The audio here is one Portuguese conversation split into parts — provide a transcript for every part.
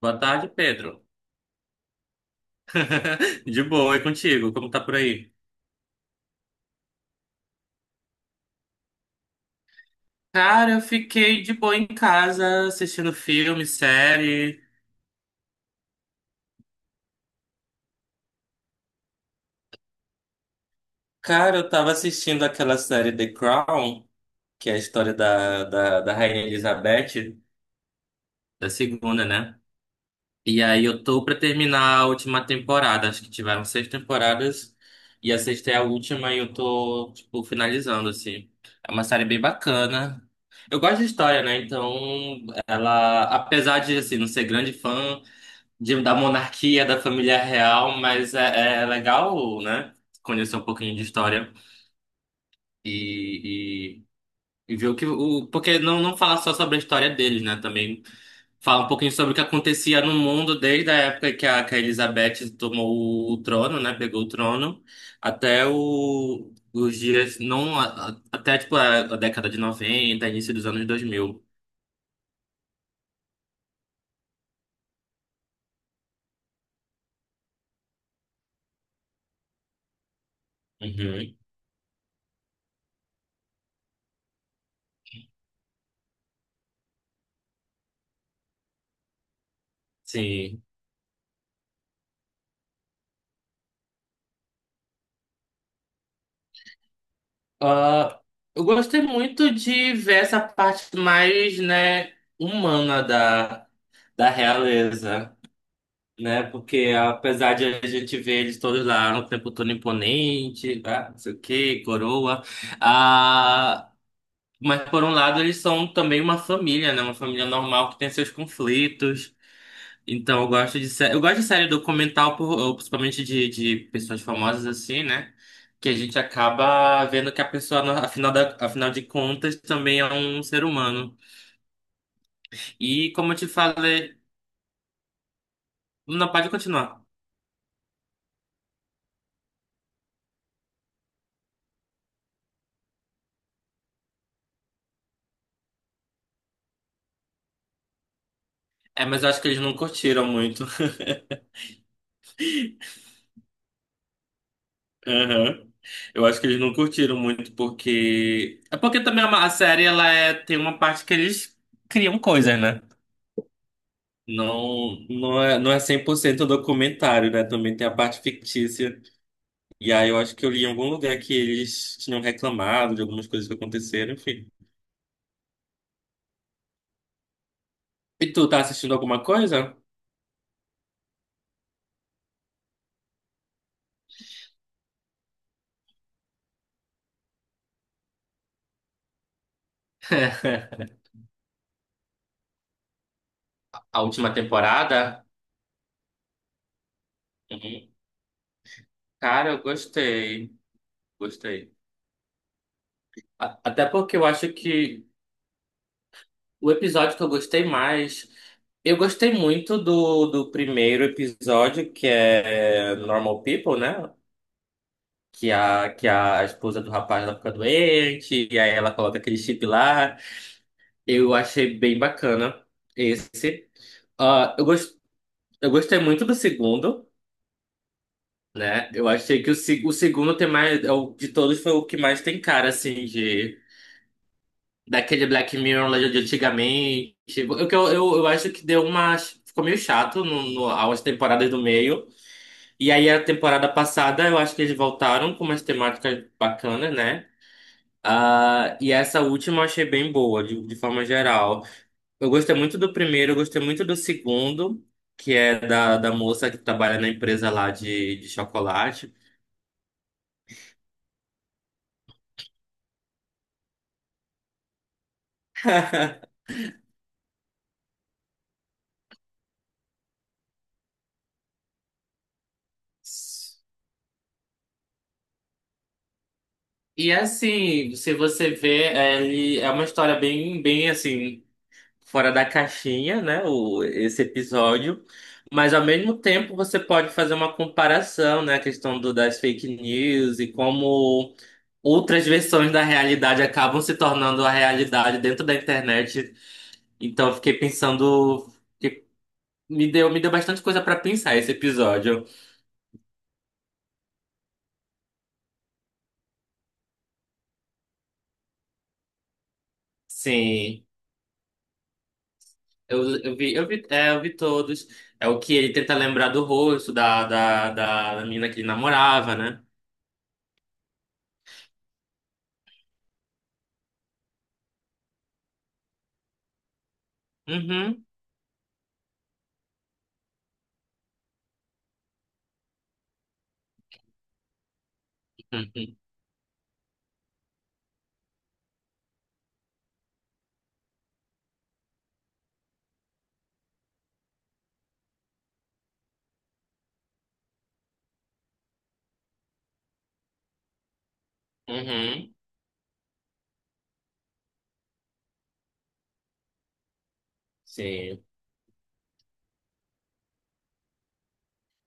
Boa tarde, Pedro. De boa, e contigo? Como tá por aí? Cara, eu fiquei de boa em casa, assistindo filme, série. Cara, eu tava assistindo aquela série The Crown, que é a história da Rainha Elizabeth, da segunda, né? E aí eu tô pra terminar a última temporada. Acho que tiveram seis temporadas e a sexta é a última e eu tô, tipo, finalizando, assim. É uma série bem bacana. Eu gosto de história, né? Então, ela, apesar de, assim, não ser grande fã de, da monarquia, da família real, mas é legal, né? Conhecer um pouquinho de história e, e ver o que... Porque não falar só sobre a história deles, né? Também fala um pouquinho sobre o que acontecia no mundo desde a época que a Elizabeth tomou o trono, né? Pegou o trono, até o- os dias, não, a- até tipo a década de noventa, início dos anos 2000. Uhum. Sim. Ah, eu gostei muito de ver essa parte mais, né, humana da realeza. Né? Porque apesar de a gente ver eles todos lá no tempo todo imponente, tá? Não sei o quê, coroa. Ah, mas por um lado eles são também uma família, né? Uma família normal que tem seus conflitos. Então eu gosto de série documental, ou principalmente de pessoas famosas assim, né? Que a gente acaba vendo que a pessoa, afinal de contas, também é um ser humano. E como eu te falei, não pode continuar. É, mas eu acho que eles não curtiram muito. Aham. Eu acho que eles não curtiram muito porque... É porque também a série ela é... tem uma parte que eles criam coisas, né? Não é 100% documentário, né? Também tem a parte fictícia. E aí eu acho que eu li em algum lugar que eles tinham reclamado de algumas coisas que aconteceram, enfim. E tu tá assistindo alguma coisa? A última temporada? Uhum. Cara, eu gostei. Gostei. Até porque eu acho que... O episódio que eu gostei mais. Eu gostei muito do primeiro episódio, que é Normal People, né? Que a esposa do rapaz ela fica doente, e aí ela coloca aquele chip lá. Eu achei bem bacana esse. Ah, eu, gos- eu gostei muito do segundo, né? Eu achei que o, se- o segundo tem mais... De todos foi o que mais tem cara, assim, daquele Black Mirror lá de antigamente. Eu acho que deu uma... Ficou meio chato no, no, as temporadas do meio. E aí a temporada passada eu acho que eles voltaram com umas temáticas bacanas, né? Ah, e essa última eu achei bem boa, de forma geral. Eu gostei muito do primeiro, eu gostei muito do segundo, que é da moça que trabalha na empresa lá de chocolate. E assim, se você vê, é, ele é uma história bem, bem assim... fora da caixinha, né? O, esse episódio. Mas ao mesmo tempo você pode fazer uma comparação, né? A questão do, das fake news e como outras versões da realidade acabam se tornando a realidade dentro da internet. Então eu fiquei pensando, que me deu bastante coisa para pensar esse episódio. Sim, eu vi todos. É o que ele tenta lembrar do rosto da menina que ele namorava, né? Uhum. Uhum. Uhum. Sim.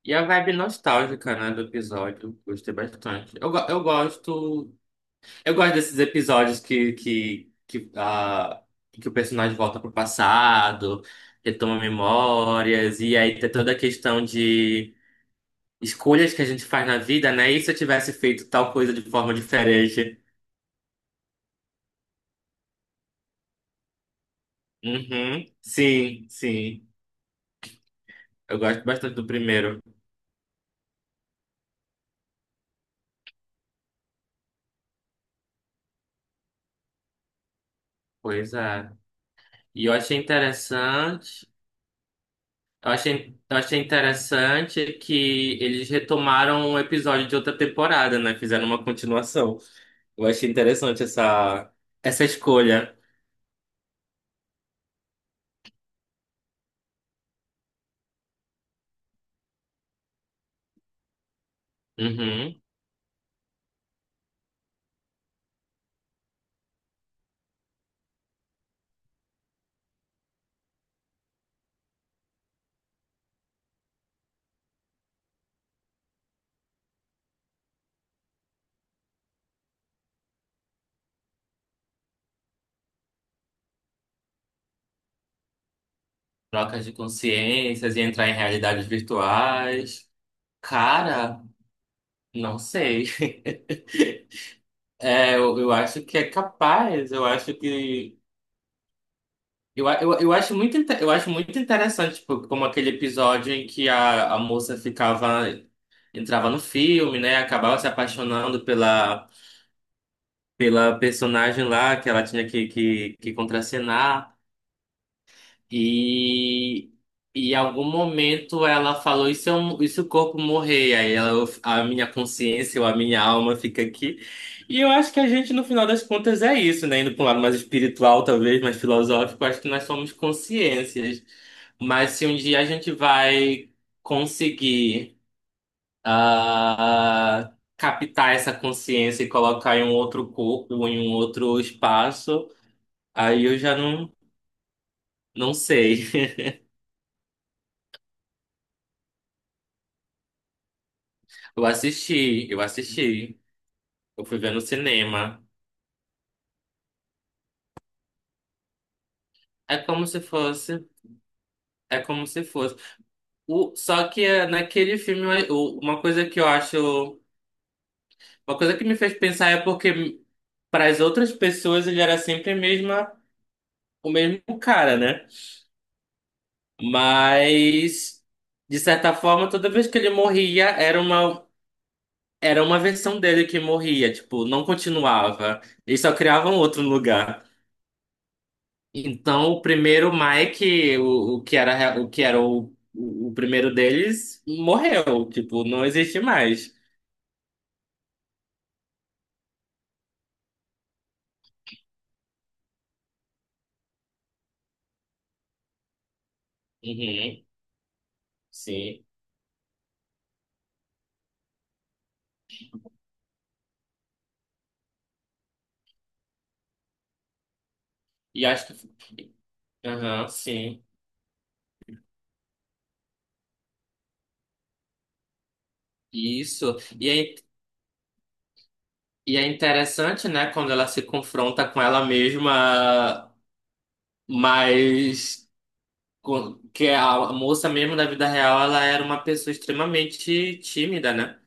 E a vibe nostálgica, né, do episódio, gostei bastante. Eu gosto desses episódios que o personagem volta pro passado, retoma memórias e aí tem toda a questão de escolhas que a gente faz na vida, né? E se eu tivesse feito tal coisa de forma diferente? Uhum. Sim, sim. Eu gosto bastante do primeiro. Pois é. E eu achei interessante... eu achei interessante que eles retomaram um episódio de outra temporada, né? Fizeram uma continuação. Eu achei interessante essa, essa escolha. Uhum. Trocas de consciências e entrar em realidades virtuais. Cara, não sei. É, eu acho que é capaz. Eu acho que... eu acho muito interessante, tipo, como aquele episódio em que a moça ficava. Entrava no filme, né? Acabava se apaixonando pela... pela personagem lá que ela tinha que contracenar e e em algum momento ela falou e se, eu, e se o corpo morrer? Aí ela, a minha consciência ou a minha alma fica aqui. E eu acho que a gente, no final das contas, é isso, né? Indo para um lado mais espiritual, talvez, mais filosófico, acho que nós somos consciências. Mas se um dia a gente vai conseguir ah, captar essa consciência e colocar em um outro corpo, em um outro espaço, aí eu já não, não sei. Eu assisti, eu assisti, eu fui ver no cinema. É como se fosse, é como se fosse. O, só que é, naquele filme, uma coisa que eu acho, uma coisa que me fez pensar é porque para as outras pessoas ele era sempre a mesma, o mesmo cara, né? Mas de certa forma, toda vez que ele morria, era uma... Era uma versão dele que morria, tipo, não continuava. Eles só criavam outro lugar. Então, o primeiro Mike, o que era o primeiro deles, morreu. Tipo, não existe mais. Uhum, sim. E acho que... Aham, sim. Isso. E é interessante, né, quando ela se confronta com ela mesma, mas... Que é a moça mesmo da vida real, ela era uma pessoa extremamente tímida, né?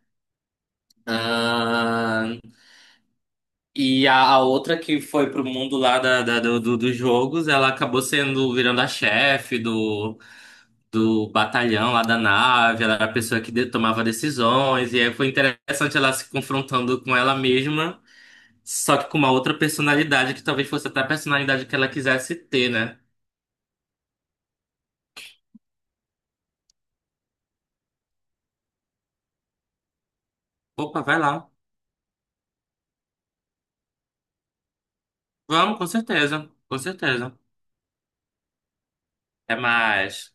Ah, e a outra que foi pro mundo lá da, da- do, do- dos jogos, ela acabou sendo virando a chefe do, do batalhão lá da nave, ela era a pessoa que tomava decisões, e aí foi interessante ela se confrontando com ela mesma, só que com uma outra personalidade, que talvez fosse até a personalidade que ela quisesse ter, né? Opa, vai lá. Vamos, com certeza, com certeza. Até mais.